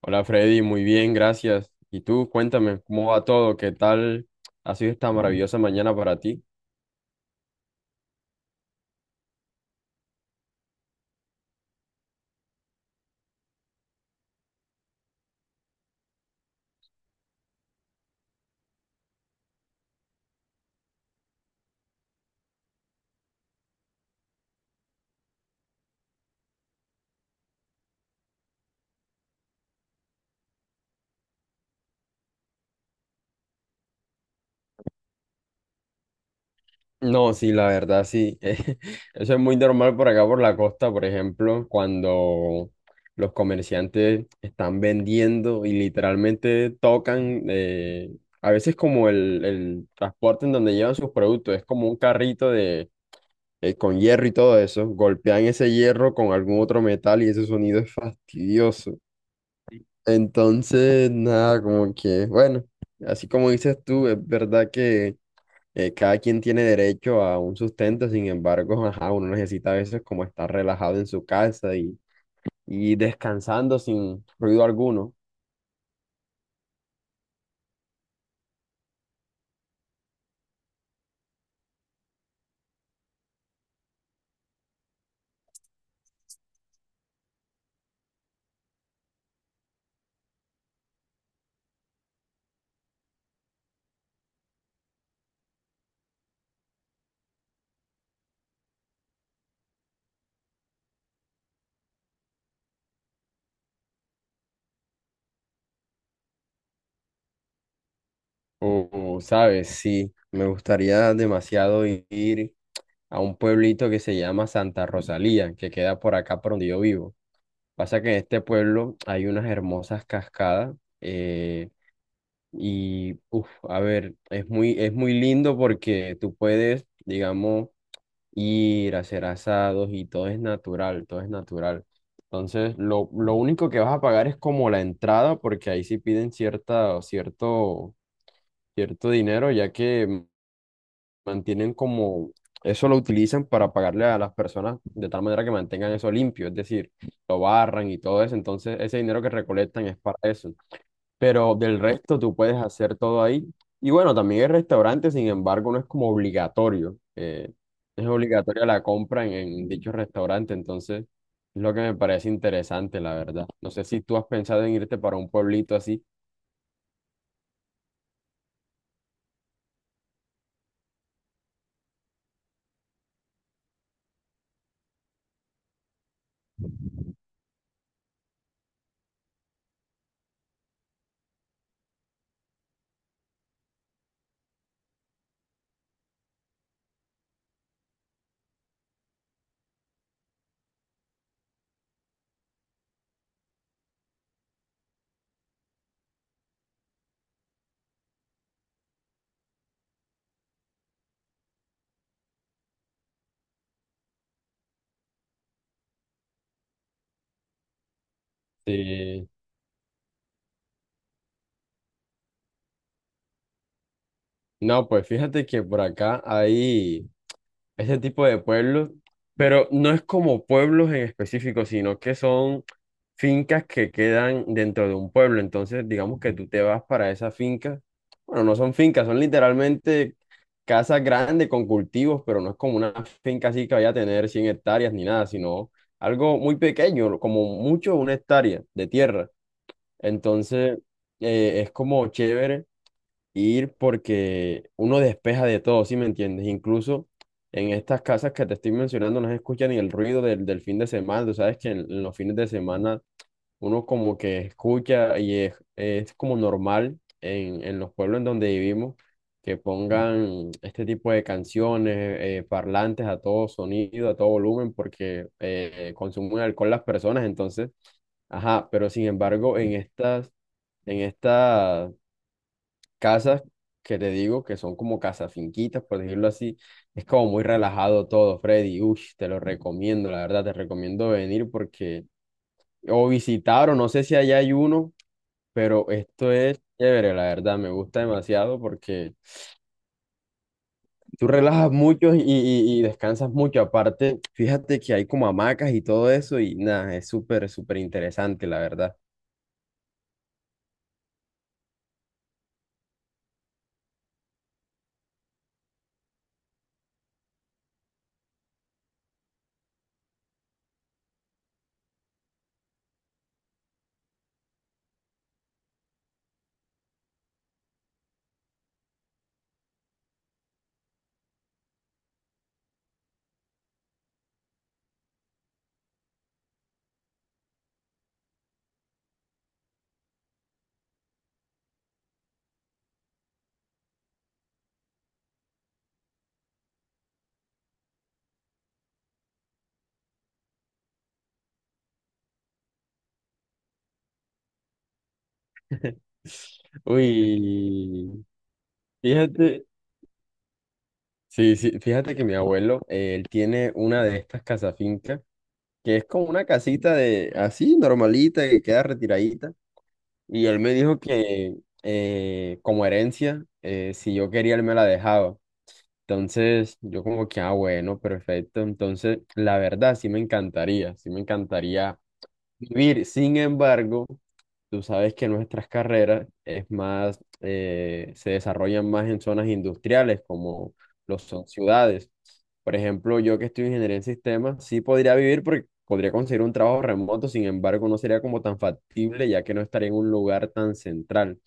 Hola Freddy, muy bien, gracias. ¿Y tú? Cuéntame, ¿cómo va todo? ¿Qué tal ha sido esta maravillosa mañana para ti? No, sí, la verdad, sí. Eso es muy normal por acá, por la costa, por ejemplo, cuando los comerciantes están vendiendo y literalmente tocan, a veces como el transporte en donde llevan sus productos, es como un carrito de, con hierro y todo eso, golpean ese hierro con algún otro metal y ese sonido es fastidioso. Entonces, nada, como que, bueno, así como dices tú, es verdad que cada quien tiene derecho a un sustento, sin embargo, ajá, uno necesita a veces como estar relajado en su casa y descansando sin ruido alguno. O, ¿Sabes? Sí, me gustaría demasiado ir a un pueblito que se llama Santa Rosalía, que queda por acá por donde yo vivo. Pasa que en este pueblo hay unas hermosas cascadas. eh, Y, uff, a ver, es muy lindo porque tú puedes, digamos, ir a hacer asados y todo es natural, todo es natural. Entonces, lo único que vas a pagar es como la entrada, porque ahí sí piden cierto dinero, ya que mantienen como, eso lo utilizan para pagarle a las personas de tal manera que mantengan eso limpio, es decir, lo barran y todo eso. Entonces, ese dinero que recolectan es para eso, pero del resto tú puedes hacer todo ahí. Y bueno, también el restaurante, sin embargo, no es como obligatorio. Es obligatoria la compra en dicho restaurante, entonces es lo que me parece interesante, la verdad. No sé si tú has pensado en irte para un pueblito así. Sí. No, pues fíjate que por acá hay ese tipo de pueblos, pero no es como pueblos en específico, sino que son fincas que quedan dentro de un pueblo. Entonces, digamos que tú te vas para esa finca. Bueno, no son fincas, son literalmente casas grandes con cultivos, pero no es como una finca así que vaya a tener 100 hectáreas ni nada, sino algo muy pequeño, como mucho una hectárea de tierra. Entonces, es como chévere ir porque uno despeja de todo, ¿sí me entiendes? Incluso en estas casas que te estoy mencionando no se escucha ni el ruido del fin de semana. Tú sabes que en los fines de semana uno como que escucha y es como normal en los pueblos en donde vivimos que pongan este tipo de canciones, parlantes a todo sonido, a todo volumen, porque consumen alcohol las personas, entonces, ajá, pero sin embargo, en estas casas que te digo, que son como casas finquitas, por decirlo así, es como muy relajado todo, Freddy, uy, te lo recomiendo, la verdad, te recomiendo venir porque... O visitar, o no sé si allá hay uno, pero esto es chévere, la verdad, me gusta demasiado porque tú relajas mucho y descansas mucho. Aparte, fíjate que hay como hamacas y todo eso y nada, es súper interesante, la verdad. Uy, fíjate, sí, sí, fíjate que mi abuelo, él tiene una de estas finca que es como una casita de así, normalita, que queda retiradita. Y él me dijo que como herencia, si yo quería, él me la dejaba. Entonces, yo como que, ah, bueno, perfecto. Entonces, la verdad, sí me encantaría vivir. Sin embargo, tú sabes que nuestras carreras es más, se desarrollan más en zonas industriales, como lo son ciudades. Por ejemplo, yo que estoy en ingeniería en sistemas, sí podría vivir porque podría conseguir un trabajo remoto, sin embargo, no sería como tan factible, ya que no estaría en un lugar tan central.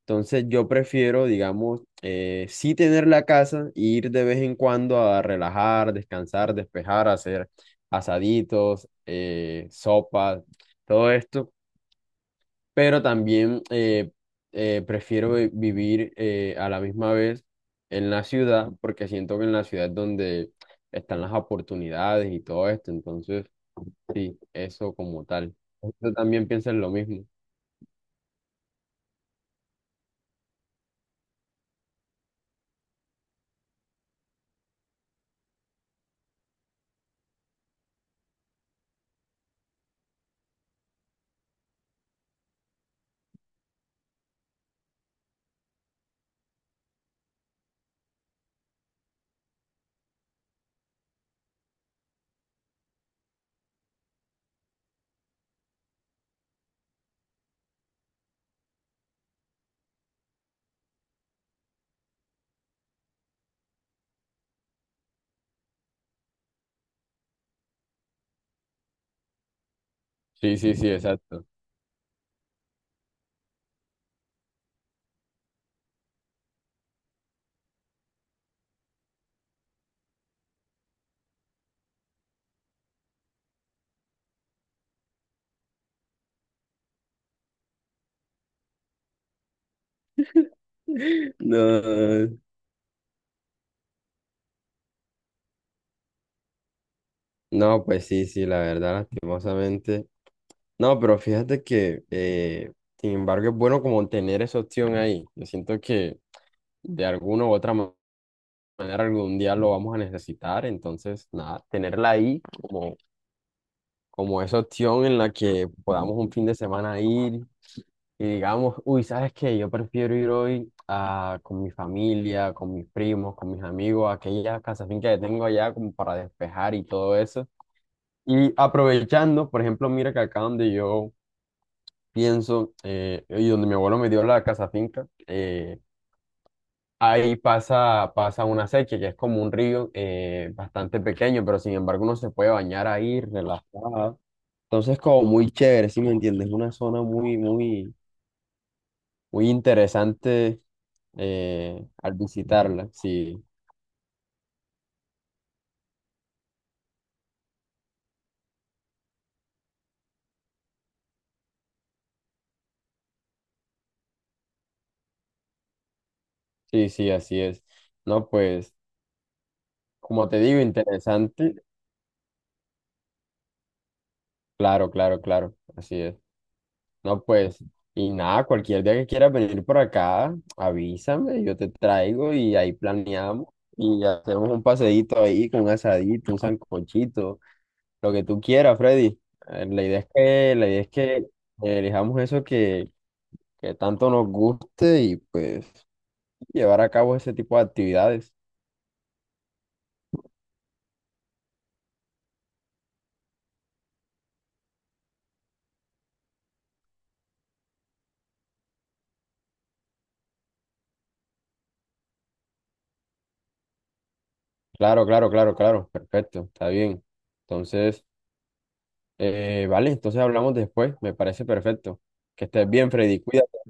Entonces yo prefiero, digamos, sí tener la casa e ir de vez en cuando a relajar, descansar, despejar, hacer asaditos, sopas, todo esto, pero también prefiero vivir a la misma vez en la ciudad, porque siento que en la ciudad es donde están las oportunidades y todo esto, entonces sí, eso como tal. ¿Tú también piensas lo mismo? Sí, sí, sí, exacto. No. No, pues sí, sí, la verdad, lastimosamente. No, pero fíjate que, sin embargo, es bueno como tener esa opción ahí. Yo siento que de alguna u otra manera algún día lo vamos a necesitar, entonces, nada, tenerla ahí como, como esa opción en la que podamos un fin de semana ir y digamos, uy, ¿sabes qué? Yo prefiero ir hoy con mi familia, con mis primos, con mis amigos, a aquella casa finca que tengo allá como para despejar y todo eso. Y aprovechando, por ejemplo, mira que acá donde yo pienso y donde mi abuelo me dio la casa finca, ahí pasa una sequía que es como un río bastante pequeño, pero sin embargo uno se puede bañar ahí relajado. Entonces, como muy chévere, ¿si me entiendes? Una zona muy interesante al visitarla. Sí, sí, sí, así es. No, pues, como te digo, interesante. Claro, claro, claro, así es. No, pues, y nada, cualquier día que quieras venir por acá, avísame, yo te traigo y ahí planeamos y hacemos un paseíto ahí con un asadito, un sancochito, lo que tú quieras, Freddy. La idea es que elijamos eso que tanto nos guste y pues llevar a cabo ese tipo de actividades. Claro, claro, claro, claro, perfecto, está bien. Entonces, vale, entonces hablamos después, me parece perfecto. Que estés bien, Freddy, cuídate.